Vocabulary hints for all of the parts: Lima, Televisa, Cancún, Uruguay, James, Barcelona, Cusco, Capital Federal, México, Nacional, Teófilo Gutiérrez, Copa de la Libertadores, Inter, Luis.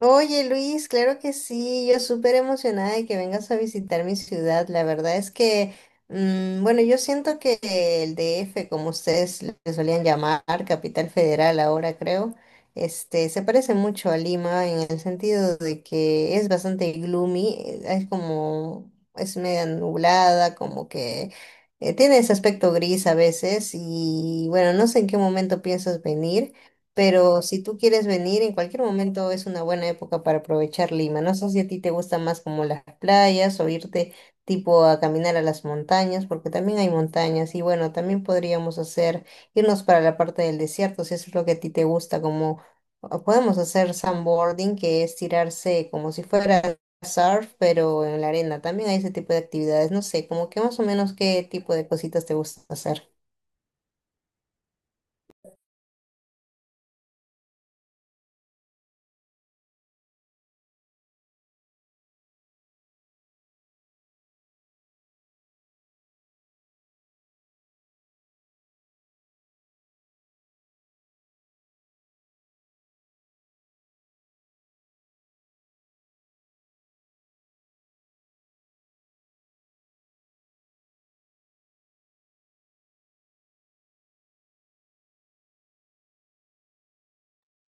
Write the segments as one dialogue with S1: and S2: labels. S1: Oye Luis, claro que sí, yo súper emocionada de que vengas a visitar mi ciudad. La verdad es que, bueno, yo siento que el DF, como ustedes le solían llamar, Capital Federal ahora creo, se parece mucho a Lima en el sentido de que es bastante gloomy, es como, es media nublada, como que tiene ese aspecto gris a veces y bueno, no sé en qué momento piensas venir. Pero si tú quieres venir, en cualquier momento es una buena época para aprovechar Lima. No sé si a ti te gusta más como las playas o irte tipo a caminar a las montañas, porque también hay montañas. Y bueno, también podríamos hacer, irnos para la parte del desierto, si eso es lo que a ti te gusta, como o podemos hacer sandboarding, que es tirarse como si fuera surf, pero en la arena. También hay ese tipo de actividades. No sé, como que más o menos qué tipo de cositas te gusta hacer.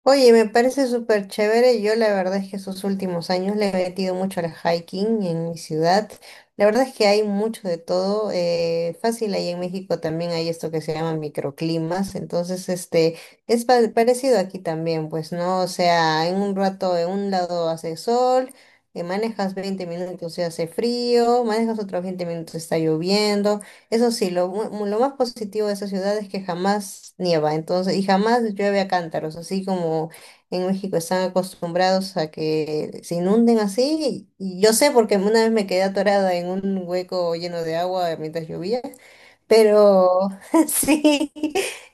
S1: Oye, me parece súper chévere. Yo la verdad es que esos últimos años le he metido mucho al hiking en mi ciudad. La verdad es que hay mucho de todo. Fácil, ahí en México también hay esto que se llama microclimas. Entonces, es parecido aquí también, pues, ¿no? O sea, en un rato en un lado hace sol, manejas 20 minutos y hace frío, manejas otros 20 minutos y está lloviendo. Eso sí, lo más positivo de esa ciudad es que jamás nieva, entonces, y jamás llueve a cántaros, así como en México están acostumbrados a que se inunden así. Y yo sé porque una vez me quedé atorada en un hueco lleno de agua mientras llovía, pero sí,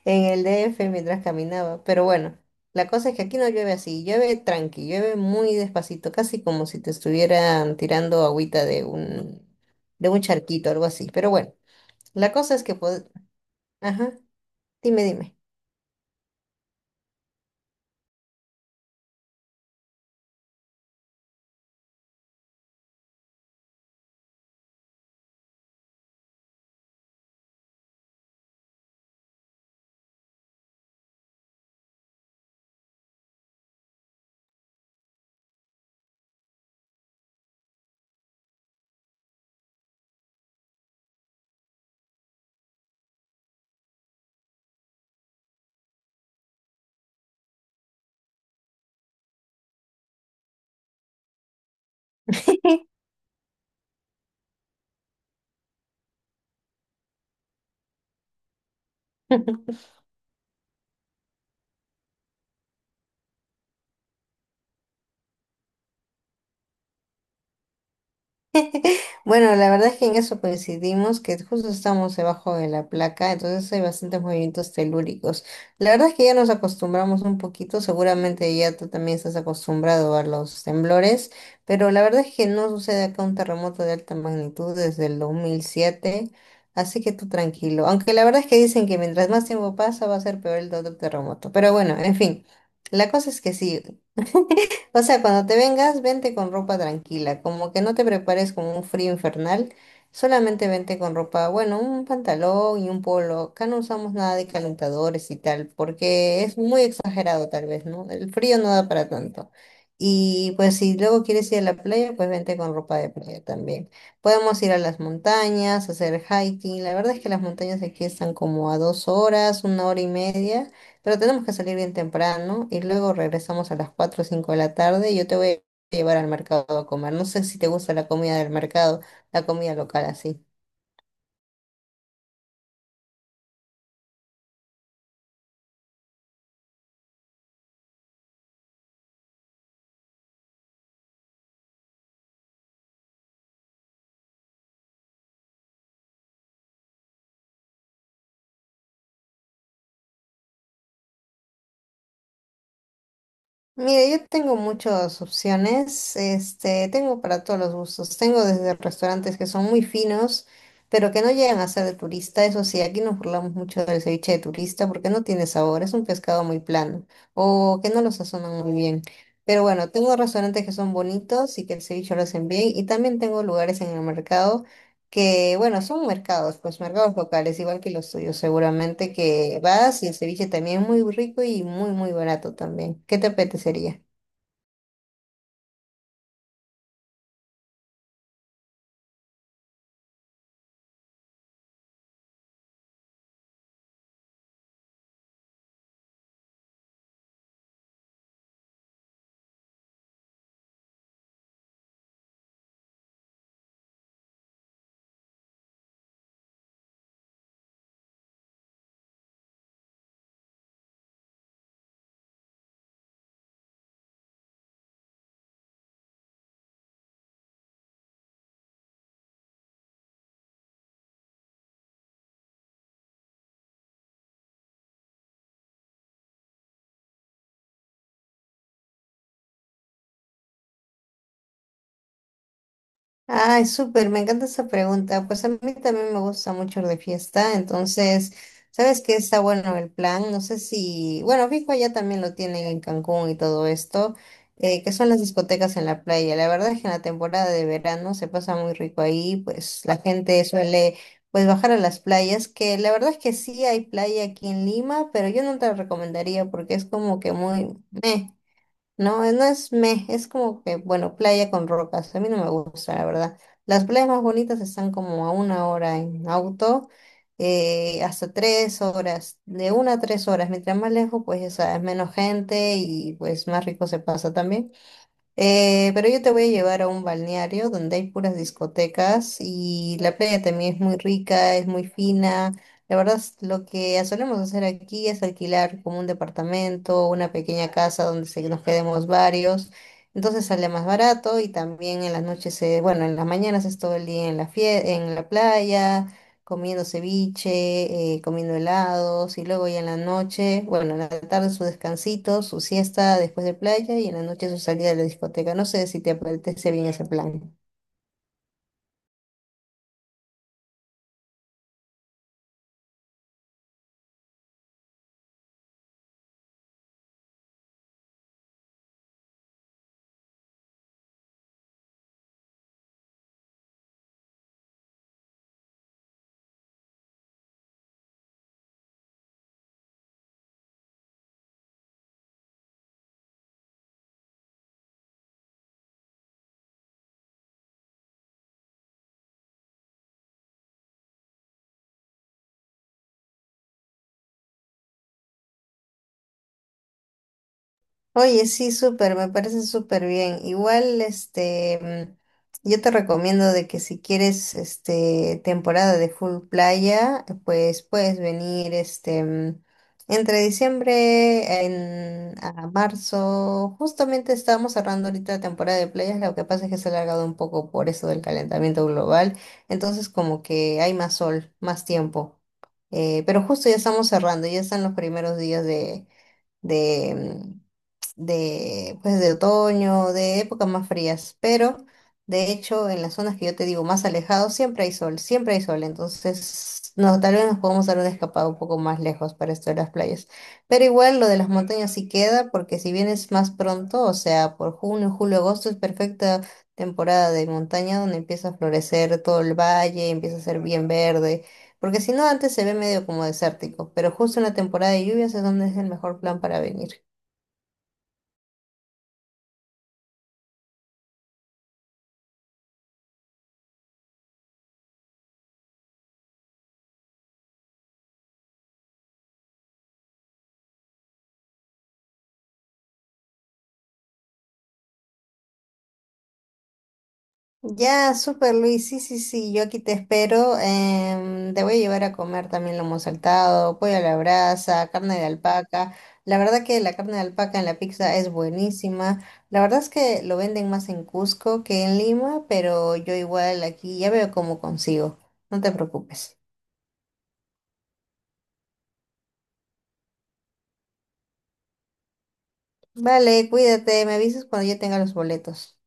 S1: en el DF mientras caminaba. Pero bueno, la cosa es que aquí no llueve así, llueve tranqui, llueve muy despacito, casi como si te estuvieran tirando agüita de un charquito, algo así. Pero bueno. La cosa es que, ajá, dime, dime. Bueno, la verdad es que en eso coincidimos, que justo estamos debajo de la placa, entonces hay bastantes movimientos telúricos. La verdad es que ya nos acostumbramos un poquito, seguramente ya tú también estás acostumbrado a los temblores, pero la verdad es que no sucede acá un terremoto de alta magnitud desde el 2007, así que tú tranquilo. Aunque la verdad es que dicen que mientras más tiempo pasa va a ser peor el otro terremoto, pero bueno, en fin, la cosa es que sí. O sea, cuando te vengas, vente con ropa tranquila, como que no te prepares con un frío infernal, solamente vente con ropa, bueno, un pantalón y un polo. Acá no usamos nada de calentadores y tal, porque es muy exagerado tal vez, ¿no? El frío no da para tanto. Y pues si luego quieres ir a la playa, pues vente con ropa de playa también. Podemos ir a las montañas, hacer hiking. La verdad es que las montañas aquí están como a 2 horas, 1 hora y media. Pero tenemos que salir bien temprano y luego regresamos a las 4 o 5 de la tarde y yo te voy a llevar al mercado a comer. No sé si te gusta la comida del mercado, la comida local así. Mira, yo tengo muchas opciones, tengo para todos los gustos, tengo desde restaurantes que son muy finos, pero que no llegan a ser de turista, eso sí, aquí nos burlamos mucho del ceviche de turista porque no tiene sabor, es un pescado muy plano o que no lo sazonan muy bien. Pero bueno, tengo restaurantes que son bonitos y que el ceviche lo hacen bien y también tengo lugares en el mercado que bueno, son mercados, pues mercados locales, igual que los tuyos, seguramente que vas y el ceviche también es muy rico y muy, muy barato también. ¿Qué te apetecería? Ay, súper, me encanta esa pregunta. Pues a mí también me gusta mucho ir de fiesta, entonces, ¿sabes qué está bueno el plan? No sé si, bueno, fijo, allá también lo tienen en Cancún y todo esto, que son las discotecas en la playa. La verdad es que en la temporada de verano se pasa muy rico ahí, pues la gente suele, pues bajar a las playas, que la verdad es que sí hay playa aquí en Lima, pero yo no te la recomendaría porque es como que muy meh. No, no es meh, es como que, bueno, playa con rocas. A mí no me gusta, la verdad. Las playas más bonitas están como a 1 hora en auto, hasta 3 horas, de 1 a 3 horas. Mientras más lejos, pues ya sabes, menos gente y pues más rico se pasa también. Pero yo te voy a llevar a un balneario donde hay puras discotecas y la playa también es muy rica, es muy fina. La verdad, lo que solemos hacer aquí es alquilar como un departamento, una pequeña casa donde se nos quedemos varios. Entonces sale más barato y también en las noches, bueno, en las mañanas es todo el día en la en la playa comiendo ceviche, comiendo helados y luego ya en la noche, bueno, en la tarde su descansito, su siesta después de playa y en la noche su salida a la discoteca. No sé si te apetece bien ese plan. Oye, sí, súper, me parece súper bien. Igual, yo te recomiendo de que si quieres, este, temporada de full playa, pues puedes venir, entre diciembre a marzo. Justamente estamos cerrando ahorita la temporada de playas, lo que pasa es que se ha alargado un poco por eso del calentamiento global, entonces como que hay más sol, más tiempo. Pero justo ya estamos cerrando, ya están los primeros días de, mm, de, pues, de otoño, de épocas más frías, pero de hecho en las zonas que yo te digo más alejados siempre hay sol, entonces no, tal vez nos podemos dar una escapada un poco más lejos para esto de las playas, pero igual lo de las montañas sí queda porque si vienes más pronto, o sea, por junio, julio, agosto es perfecta temporada de montaña donde empieza a florecer todo el valle, empieza a ser bien verde. Porque si no, antes se ve medio como desértico, pero justo en la temporada de lluvias es donde es el mejor plan para venir. Ya, súper Luis, sí, sí, sí, yo aquí te espero. Te voy a llevar a comer también lomo saltado, pollo a la brasa, carne de alpaca. La verdad que la carne de alpaca en la pizza es buenísima. La verdad es que lo venden más en Cusco que en Lima, pero yo igual aquí ya veo cómo consigo. No te preocupes. Vale, cuídate, me avisas cuando yo tenga los boletos.